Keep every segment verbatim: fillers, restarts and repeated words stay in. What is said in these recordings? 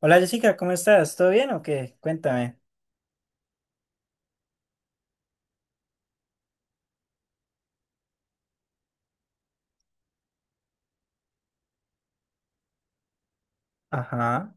Hola Jessica, ¿cómo estás? ¿Todo bien o qué? Cuéntame. Ajá.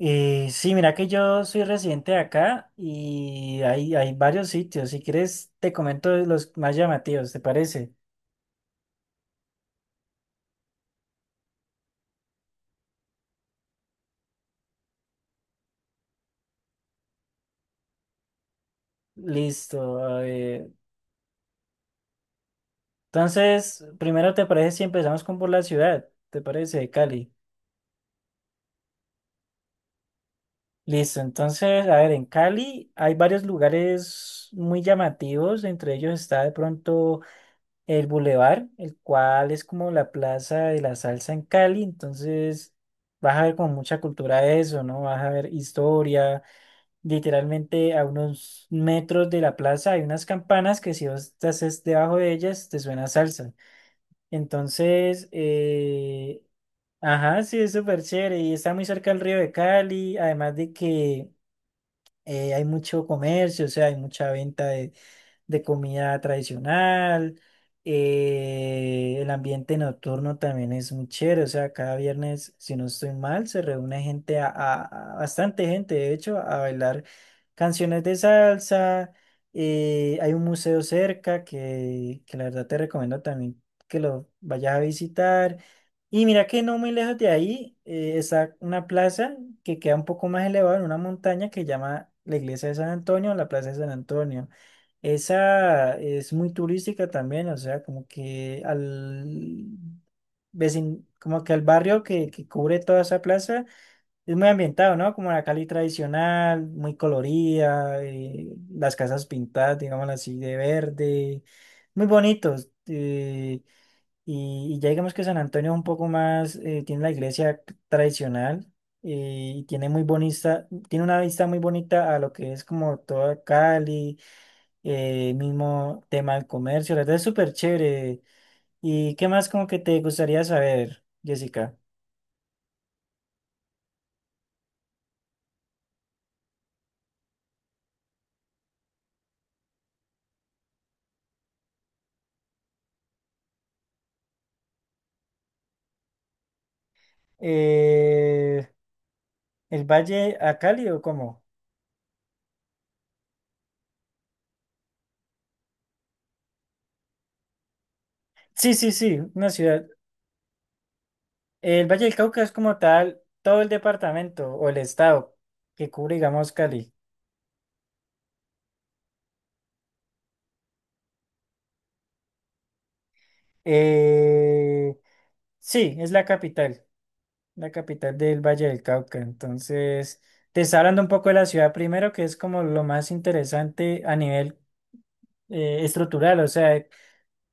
Eh, sí, mira que yo soy residente de acá y hay, hay varios sitios. Si quieres, te comento los más llamativos, ¿te parece? Listo, a ver. Entonces, primero, ¿te parece si empezamos con por la ciudad? ¿Te parece? De Cali. Listo. Entonces, a ver, en Cali hay varios lugares muy llamativos. Entre ellos está de pronto el Boulevard, el cual es como la plaza de la salsa en Cali, entonces vas a ver como mucha cultura de eso, ¿no? Vas a ver historia, literalmente a unos metros de la plaza hay unas campanas que si vos estás es- debajo de ellas te suena salsa. Entonces, eh, ajá, sí, es súper chévere y está muy cerca del río de Cali, además de que eh, hay mucho comercio, o sea, hay mucha venta de comida tradicional. Eh, el ambiente nocturno también es muy chévere, o sea, cada viernes, si no estoy mal, se reúne gente, a, a- a- bastante gente, de hecho, a bailar canciones de salsa. Eh, hay un museo cerca que, que la verdad te recomiendo también que lo vayas a visitar. Y mira que no muy lejos de ahí eh, está una plaza que queda un poco más elevada en una montaña que se llama la iglesia de San Antonio, la plaza de San Antonio. Esa es muy turística también, o sea, como que al vecin, como que al barrio que, que cubre toda esa plaza es muy ambientado, ¿no? Como la Cali tradicional, muy colorida, eh, las casas pintadas, digámoslo así, de verde, muy bonitos. Eh, y, y ya digamos que San Antonio es un poco más, eh, tiene la iglesia tradicional, eh, y tiene muy bonita, tiene una vista muy bonita a lo que es como toda Cali, eh, mismo tema del comercio, la verdad es súper chévere. ¿Y qué más como que te gustaría saber, Jessica? Eh, ¿El Valle a Cali o cómo? Sí, sí, sí, una ciudad. El Valle del Cauca es como tal todo el departamento o el estado que cubre, digamos, Cali. Eh, sí, es la capital, la capital del Valle del Cauca. Entonces, te está hablando un poco de la ciudad primero, que es como lo más interesante a nivel eh, estructural, o sea,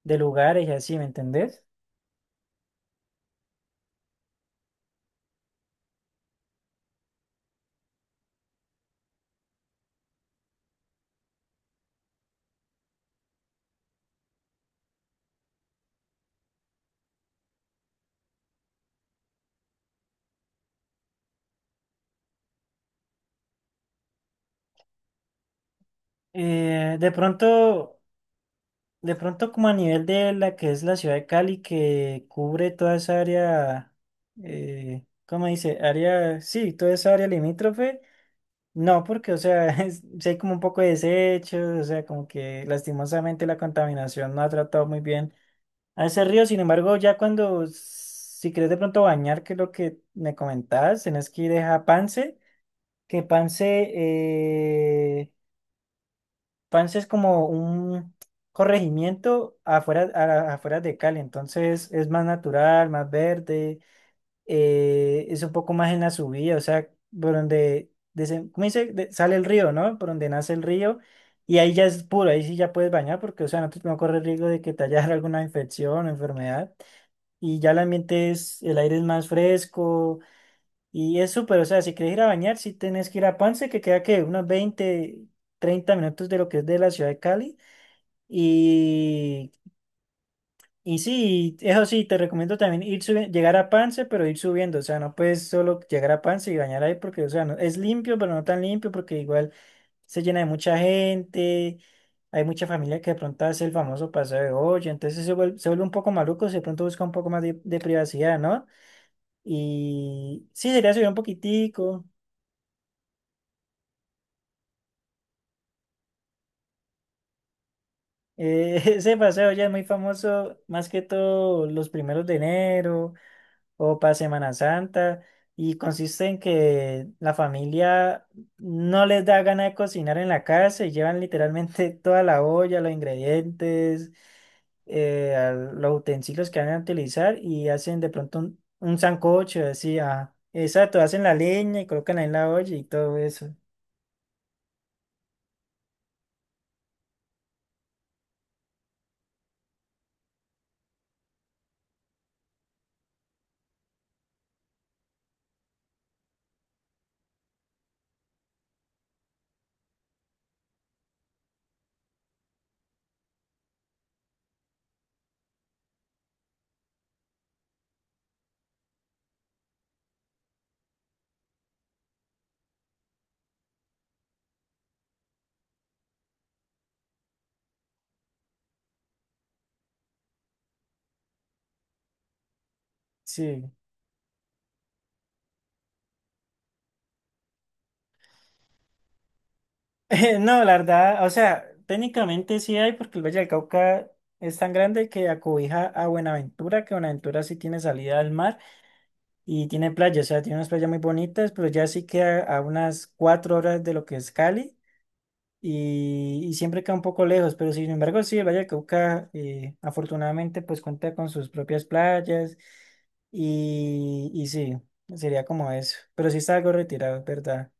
de lugares y así, ¿me entendés? Eh, de pronto, de pronto como a nivel de la que es la ciudad de Cali, que cubre toda esa área, eh, ¿cómo dice? Área, sí, toda esa área limítrofe. No, porque, o sea, es- sí hay como un poco de desechos, o sea, como que lastimosamente la contaminación no ha tratado muy bien a ese río. Sin embargo, ya cuando, si quieres de pronto bañar, que es lo que me comentabas, tenés que ir es a Pance, que Pance, eh, Pance es como un corregimiento afuera, a la- afuera de Cali, entonces es más natural, más verde, eh, es un poco más en la subida, o sea, por donde, desen- ¿cómo dice? De- sale el río, ¿no? Por donde nace el río, y ahí ya es puro, ahí sí ya puedes bañar, porque, o sea, no, te- no corre riesgo de que te haya alguna infección o enfermedad, y ya el ambiente es, el aire es más fresco, y es súper, o sea, si quieres ir a bañar, si tienes que ir a Pance, que queda que unos veinte, treinta minutos de lo que es de la ciudad de Cali. Y, y sí, eso sí, te recomiendo también ir subiendo, llegar a Pance, pero ir subiendo. O sea, no puedes solo llegar a Pance y bañar ahí porque, o sea, no- es limpio, pero no tan limpio porque igual se llena de mucha gente. Hay mucha familia que de pronto hace el famoso paseo de olla, entonces se vuelve, se vuelve un poco maluco, si de pronto busca un poco más de, de privacidad, ¿no? Y sí, sería subir un poquitico. Eh, ese paseo ya es muy famoso, más que todo los primeros de enero o para Semana Santa y consiste en que la familia no les da ganas de cocinar en la casa y llevan literalmente toda la olla, los ingredientes, eh, a los utensilios que van a utilizar y hacen de pronto un, un sancocho, así, ah, exacto, hacen la leña y colocan ahí la olla y todo eso, sí. No, la verdad, o sea, técnicamente sí hay porque el Valle del Cauca es tan grande que acobija a Buenaventura, que Buenaventura sí tiene salida al mar. Y tiene playas, o sea, tiene unas playas muy bonitas, pero ya sí queda a unas cuatro horas de lo que es Cali y, y siempre queda un poco lejos, pero sin embargo sí, el Valle del Cauca, eh, afortunadamente pues cuenta con sus propias playas y, y sí, sería como eso, pero sí está algo retirado, es ¿verdad?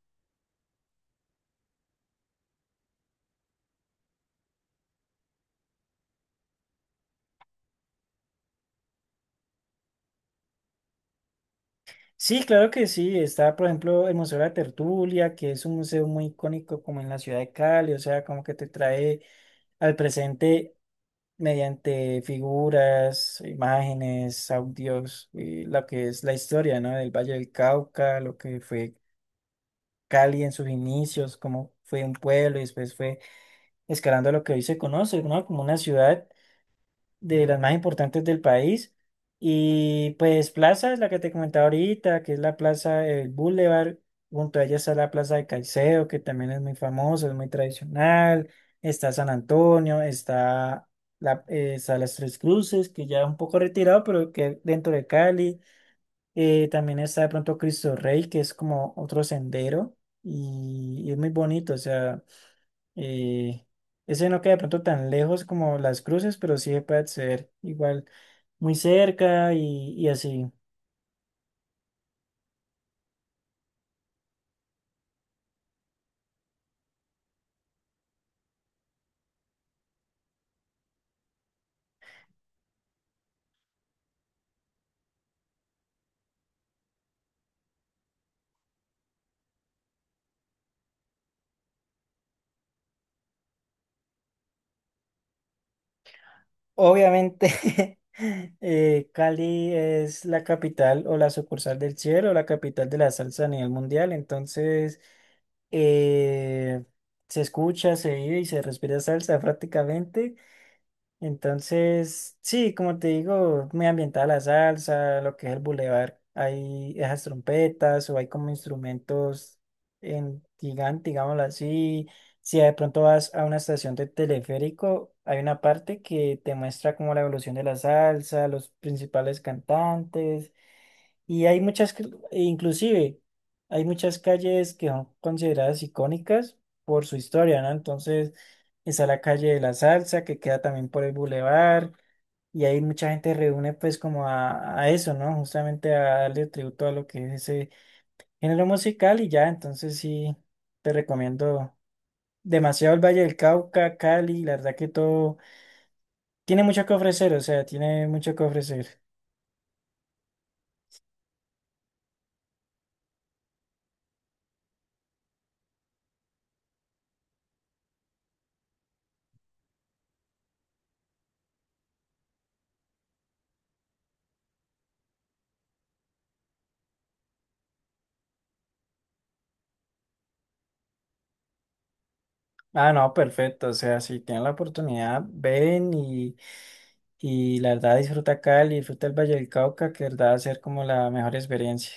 Sí, claro que sí, está por ejemplo el Museo de la Tertulia, que es un museo muy icónico como en la ciudad de Cali, o sea, como que te trae al presente mediante figuras, imágenes, audios, y lo que es la historia, ¿no? Del Valle del Cauca, lo que fue Cali en sus inicios, cómo fue un pueblo y después fue escalando a lo que hoy se conoce, ¿no? Como una ciudad de las más importantes del país. Y pues Plaza es la que te comentaba ahorita, que es la Plaza del Boulevard. Junto a ella está la Plaza de Caicedo, que también es muy famosa, es muy tradicional. Está San Antonio, está, la, eh, está Las Tres Cruces, que ya es un poco retirado, pero que dentro de Cali. Eh, también está de pronto Cristo Rey, que es como otro sendero y, y es muy bonito, o sea. Eh, Ese no queda de pronto tan lejos como Las Cruces, pero sí se puede acceder igual muy cerca y, y así. Obviamente, eh, Cali es la capital o la sucursal del cielo, la capital de la salsa a nivel mundial, entonces eh, se escucha, se vive y se respira salsa prácticamente. Entonces, sí, como te digo, muy ambientada la salsa, lo que es el bulevar, hay esas trompetas o hay como instrumentos en gigante, digámoslo así. Si de pronto vas a una estación de teleférico, hay una parte que te muestra como la evolución de la salsa, los principales cantantes. Y hay muchas, cl- e inclusive, hay muchas calles que son consideradas icónicas por su historia, ¿no? Entonces, está la calle de la Salsa, que queda también por el bulevar, y ahí mucha gente reúne pues como a, a eso, ¿no? Justamente a darle tributo a lo que es ese género musical y ya, entonces sí, te recomiendo demasiado el Valle del Cauca, Cali, la verdad que todo tiene mucho que ofrecer, o sea, tiene mucho que ofrecer. Ah, no, perfecto. O sea, si tienen la oportunidad, ven y, y la verdad disfruta Cali, disfruta el Valle del Cauca, que de verdad va a ser como la mejor experiencia.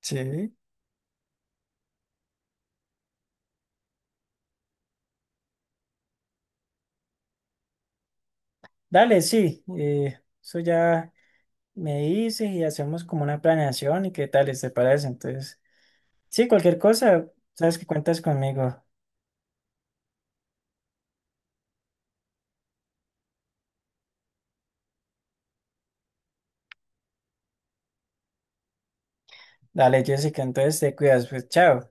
Sí. Dale, sí, eh, eso ya me dices y hacemos como una planeación y qué tal, ¿te parece? Entonces, sí, cualquier cosa, sabes que cuentas conmigo. Dale, Jessica, entonces te cuidas, pues chao.